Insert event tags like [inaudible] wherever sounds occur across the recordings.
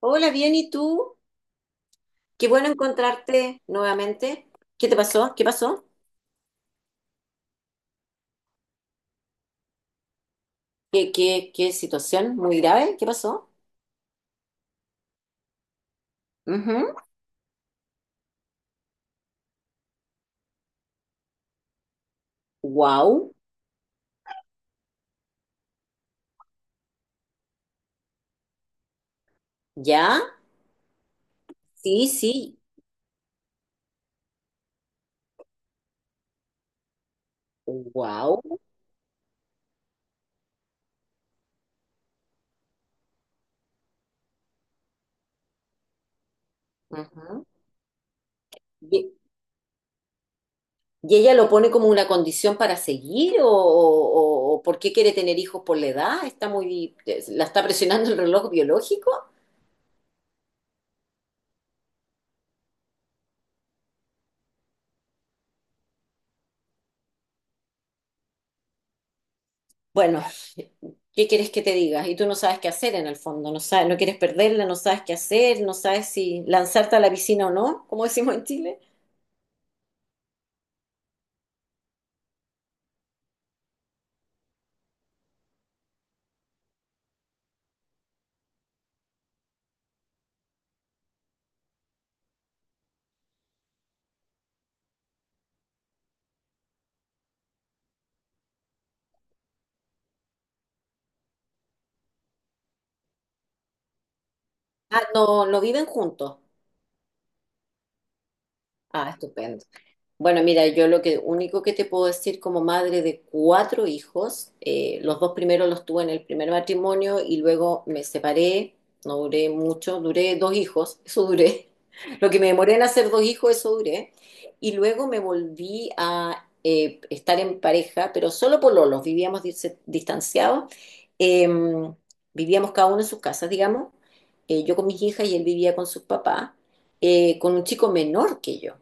Hola, bien, ¿y tú? Qué bueno encontrarte nuevamente. ¿Qué te pasó? ¿Qué pasó? ¿Qué situación muy grave? ¿Qué pasó? Wow, ¿ya? Sí, sí. Wow. ¿Y, y ella lo pone como una condición para seguir o por qué quiere tener hijos por la edad? ¿Está muy, la está presionando el reloj biológico? Bueno, ¿qué quieres que te diga? Y tú no sabes qué hacer en el fondo, no sabes, no quieres perderla, no sabes qué hacer, no sabes si lanzarte a la piscina o no, como decimos en Chile. Ah, no, no viven juntos. Ah, estupendo. Bueno, mira, yo lo que único que te puedo decir como madre de cuatro hijos, los dos primeros los tuve en el primer matrimonio y luego me separé, no duré mucho, duré dos hijos, eso duré. [laughs] Lo que me demoré en hacer dos hijos, eso duré. Y luego me volví a estar en pareja, pero solo por lolos, vivíamos distanciados, eh, vivíamos cada uno en sus casas, digamos, yo con mis hijas y él vivía con sus papás, con un chico menor que yo.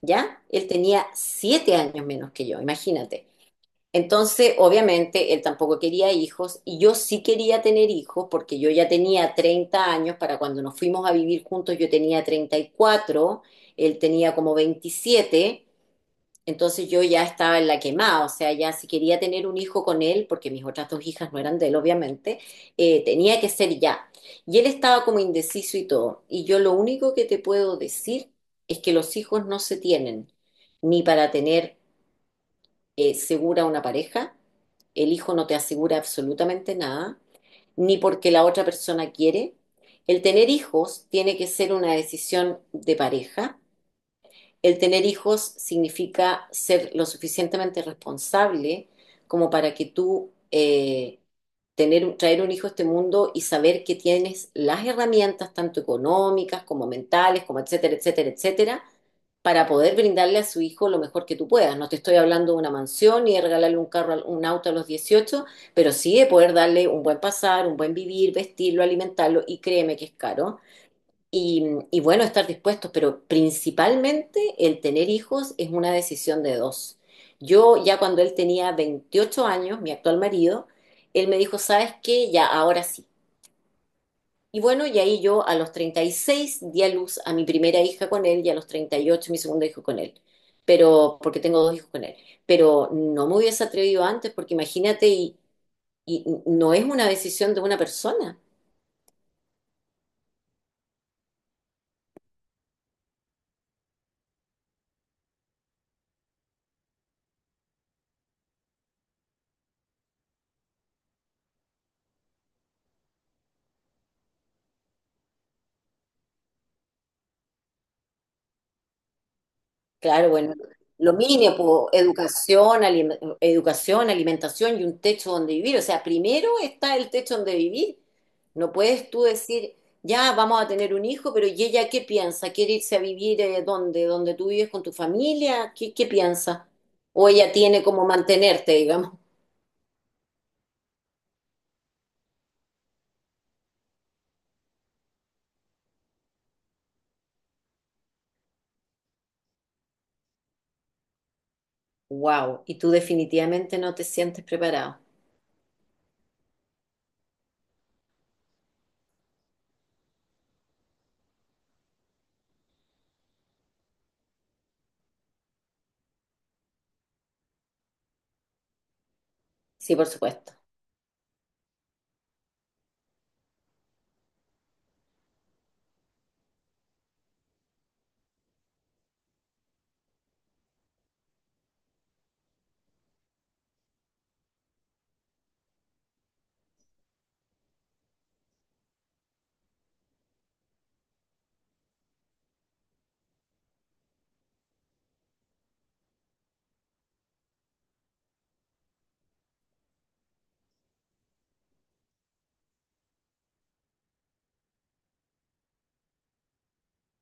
¿Ya? Él tenía 7 años menos que yo, imagínate. Entonces, obviamente, él tampoco quería hijos y yo sí quería tener hijos porque yo ya tenía 30 años para cuando nos fuimos a vivir juntos, yo tenía 34, él tenía como 27. Entonces yo ya estaba en la quemada, o sea, ya si quería tener un hijo con él, porque mis otras dos hijas no eran de él, obviamente, tenía que ser ya. Y él estaba como indeciso y todo. Y yo lo único que te puedo decir es que los hijos no se tienen ni para tener segura una pareja, el hijo no te asegura absolutamente nada, ni porque la otra persona quiere. El tener hijos tiene que ser una decisión de pareja. El tener hijos significa ser lo suficientemente responsable como para que tú traer un hijo a este mundo y saber que tienes las herramientas, tanto económicas como mentales, como etcétera, etcétera, etcétera, para poder brindarle a su hijo lo mejor que tú puedas. No te estoy hablando de una mansión ni de regalarle un carro, un auto a los 18, pero sí de poder darle un buen pasar, un buen vivir, vestirlo, alimentarlo, y créeme que es caro. Y, y bueno, estar dispuestos, pero principalmente el tener hijos es una decisión de dos. Yo ya cuando él tenía 28 años, mi actual marido, él me dijo, ¿sabes qué? Ya, ahora sí. Y bueno, y ahí yo a los 36 di a luz a mi primera hija con él y a los 38 mi segundo hijo con él. Pero, porque tengo dos hijos con él. Pero no me hubiese atrevido antes porque imagínate, y no es una decisión de una persona. Claro, bueno, lo mínimo, po, educación, educación, alimentación y un techo donde vivir. O sea, primero está el techo donde vivir. No puedes tú decir, ya vamos a tener un hijo, pero ¿y ella qué piensa? ¿Quiere irse a vivir dónde? ¿Dónde tú vives con tu familia? ¿Qué piensa? O ella tiene como mantenerte, digamos. Wow, y tú definitivamente no te sientes preparado. Sí, por supuesto.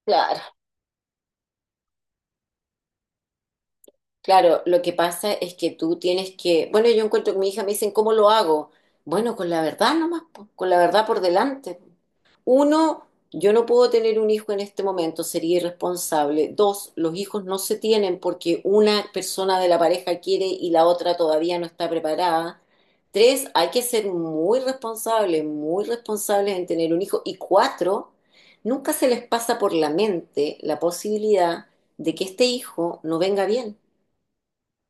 Claro. Claro, lo que pasa es que tú tienes que, bueno, yo encuentro que mi hija me dicen, ¿cómo lo hago? Bueno, con la verdad nomás, po, con la verdad por delante. Uno, yo no puedo tener un hijo en este momento, sería irresponsable. Dos, los hijos no se tienen porque una persona de la pareja quiere y la otra todavía no está preparada. Tres, hay que ser muy responsables en tener un hijo. Y cuatro, nunca se les pasa por la mente la posibilidad de que este hijo no venga bien.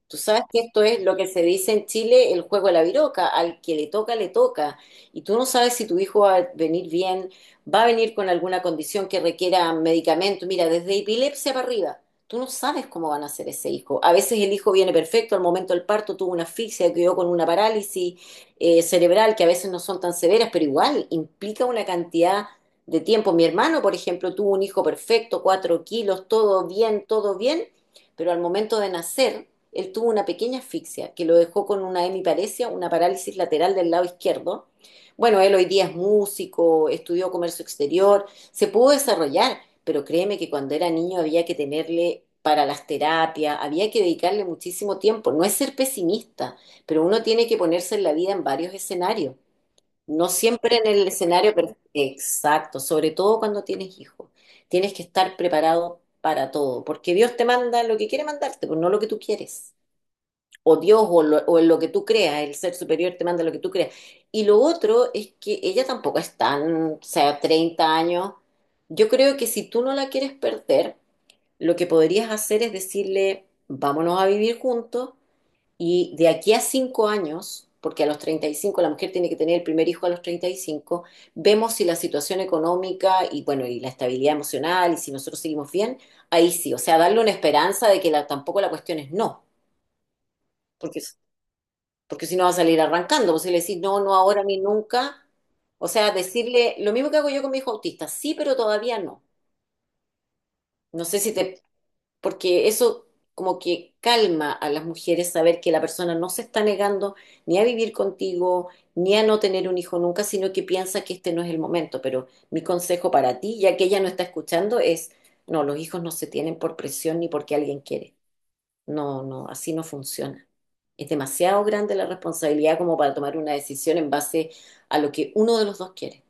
Tú sabes que esto es lo que se dice en Chile, el juego de la viroca, al que le toca, le toca. Y tú no sabes si tu hijo va a venir bien, va a venir con alguna condición que requiera medicamento. Mira, desde epilepsia para arriba, tú no sabes cómo van a ser ese hijo. A veces el hijo viene perfecto, al momento del parto tuvo una asfixia, quedó con una parálisis cerebral, que a veces no son tan severas, pero igual implica una cantidad de tiempo. Mi hermano, por ejemplo, tuvo un hijo perfecto, 4 kilos, todo bien, pero al momento de nacer él tuvo una pequeña asfixia que lo dejó con una hemiparesia, una parálisis lateral del lado izquierdo. Bueno, él hoy día es músico, estudió comercio exterior, se pudo desarrollar, pero créeme que cuando era niño había que tenerle para las terapias, había que dedicarle muchísimo tiempo. No es ser pesimista, pero uno tiene que ponerse en la vida en varios escenarios. No siempre en el escenario exacto, sobre todo cuando tienes hijos. Tienes que estar preparado para todo, porque Dios te manda lo que quiere mandarte, pues no lo que tú quieres o Dios o en lo que tú creas, el ser superior te manda lo que tú creas. Y lo otro es que ella tampoco es tan, o sea, 30 años. Yo creo que si tú no la quieres perder, lo que podrías hacer es decirle, vámonos a vivir juntos y de aquí a 5 años, porque a los 35 la mujer tiene que tener el primer hijo a los 35. Vemos si la situación económica y bueno, y la estabilidad emocional y si nosotros seguimos bien, ahí sí, o sea, darle una esperanza de que tampoco la cuestión es no, porque porque si no va a salir arrancando, pues si le decís no, no ahora ni nunca, o sea, decirle lo mismo que hago yo con mi hijo autista, sí, pero todavía no. No sé si te, porque eso como que calma a las mujeres saber que la persona no se está negando ni a vivir contigo, ni a no tener un hijo nunca, sino que piensa que este no es el momento. Pero mi consejo para ti, ya que ella no está escuchando, es, no, los hijos no se tienen por presión ni porque alguien quiere. No, no, así no funciona. Es demasiado grande la responsabilidad como para tomar una decisión en base a lo que uno de los dos quiere.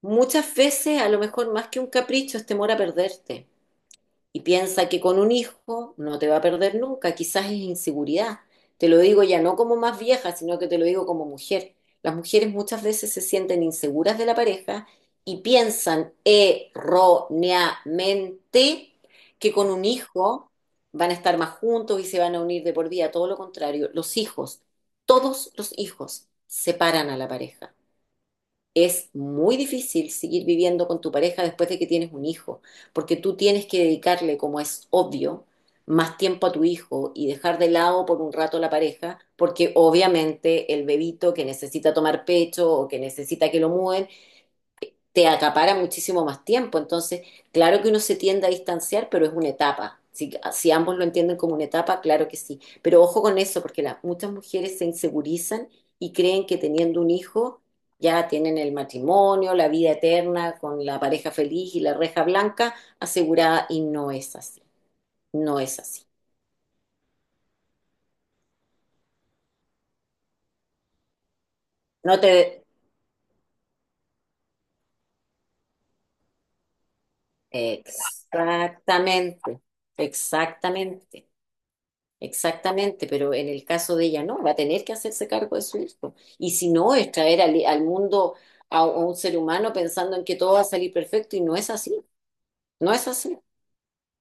Muchas veces, a lo mejor más que un capricho, es temor a perderte. Y piensa que con un hijo no te va a perder nunca, quizás es inseguridad. Te lo digo ya no como más vieja, sino que te lo digo como mujer. Las mujeres muchas veces se sienten inseguras de la pareja y piensan erróneamente que con un hijo van a estar más juntos y se van a unir de por vida. Todo lo contrario, los hijos, todos los hijos separan a la pareja. Es muy difícil seguir viviendo con tu pareja después de que tienes un hijo, porque tú tienes que dedicarle, como es obvio, más tiempo a tu hijo y dejar de lado por un rato la pareja, porque obviamente el bebito que necesita tomar pecho o que necesita que lo mueven te acapara muchísimo más tiempo. Entonces, claro que uno se tiende a distanciar, pero es una etapa. Si ambos lo entienden como una etapa, claro que sí. Pero ojo con eso, porque las muchas mujeres se insegurizan y creen que teniendo un hijo ya tienen el matrimonio, la vida eterna con la pareja feliz y la reja blanca asegurada, y no es así, no es así. No te... Exactamente, exactamente. Exactamente, pero en el caso de ella no, va a tener que hacerse cargo de su hijo. Y si no, es traer al mundo a un ser humano pensando en que todo va a salir perfecto y no es así, no es así.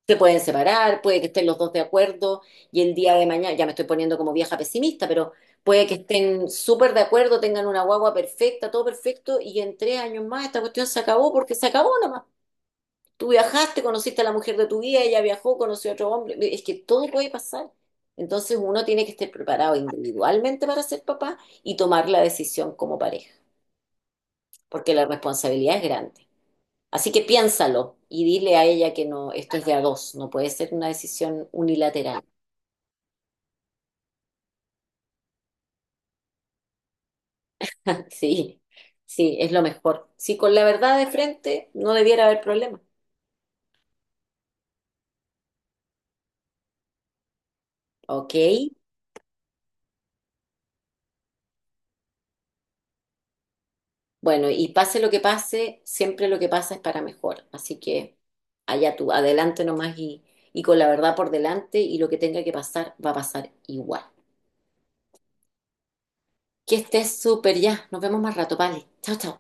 Se pueden separar, puede que estén los dos de acuerdo y el día de mañana, ya me estoy poniendo como vieja pesimista, pero puede que estén súper de acuerdo, tengan una guagua perfecta, todo perfecto y en 3 años más esta cuestión se acabó porque se acabó nomás. Tú viajaste, conociste a la mujer de tu vida, ella viajó, conoció a otro hombre. Es que todo puede pasar. Entonces uno tiene que estar preparado individualmente para ser papá y tomar la decisión como pareja, porque la responsabilidad es grande. Así que piénsalo y dile a ella que no, esto es de a dos, no puede ser una decisión unilateral. [laughs] Sí, sí, es lo mejor. Sí, con la verdad de frente no debiera haber problema. Ok. Bueno, y pase lo que pase, siempre lo que pasa es para mejor. Así que allá tú, adelante nomás y con la verdad por delante y lo que tenga que pasar va a pasar igual. Que estés súper ya. Nos vemos más rato, vale. Chao, chao.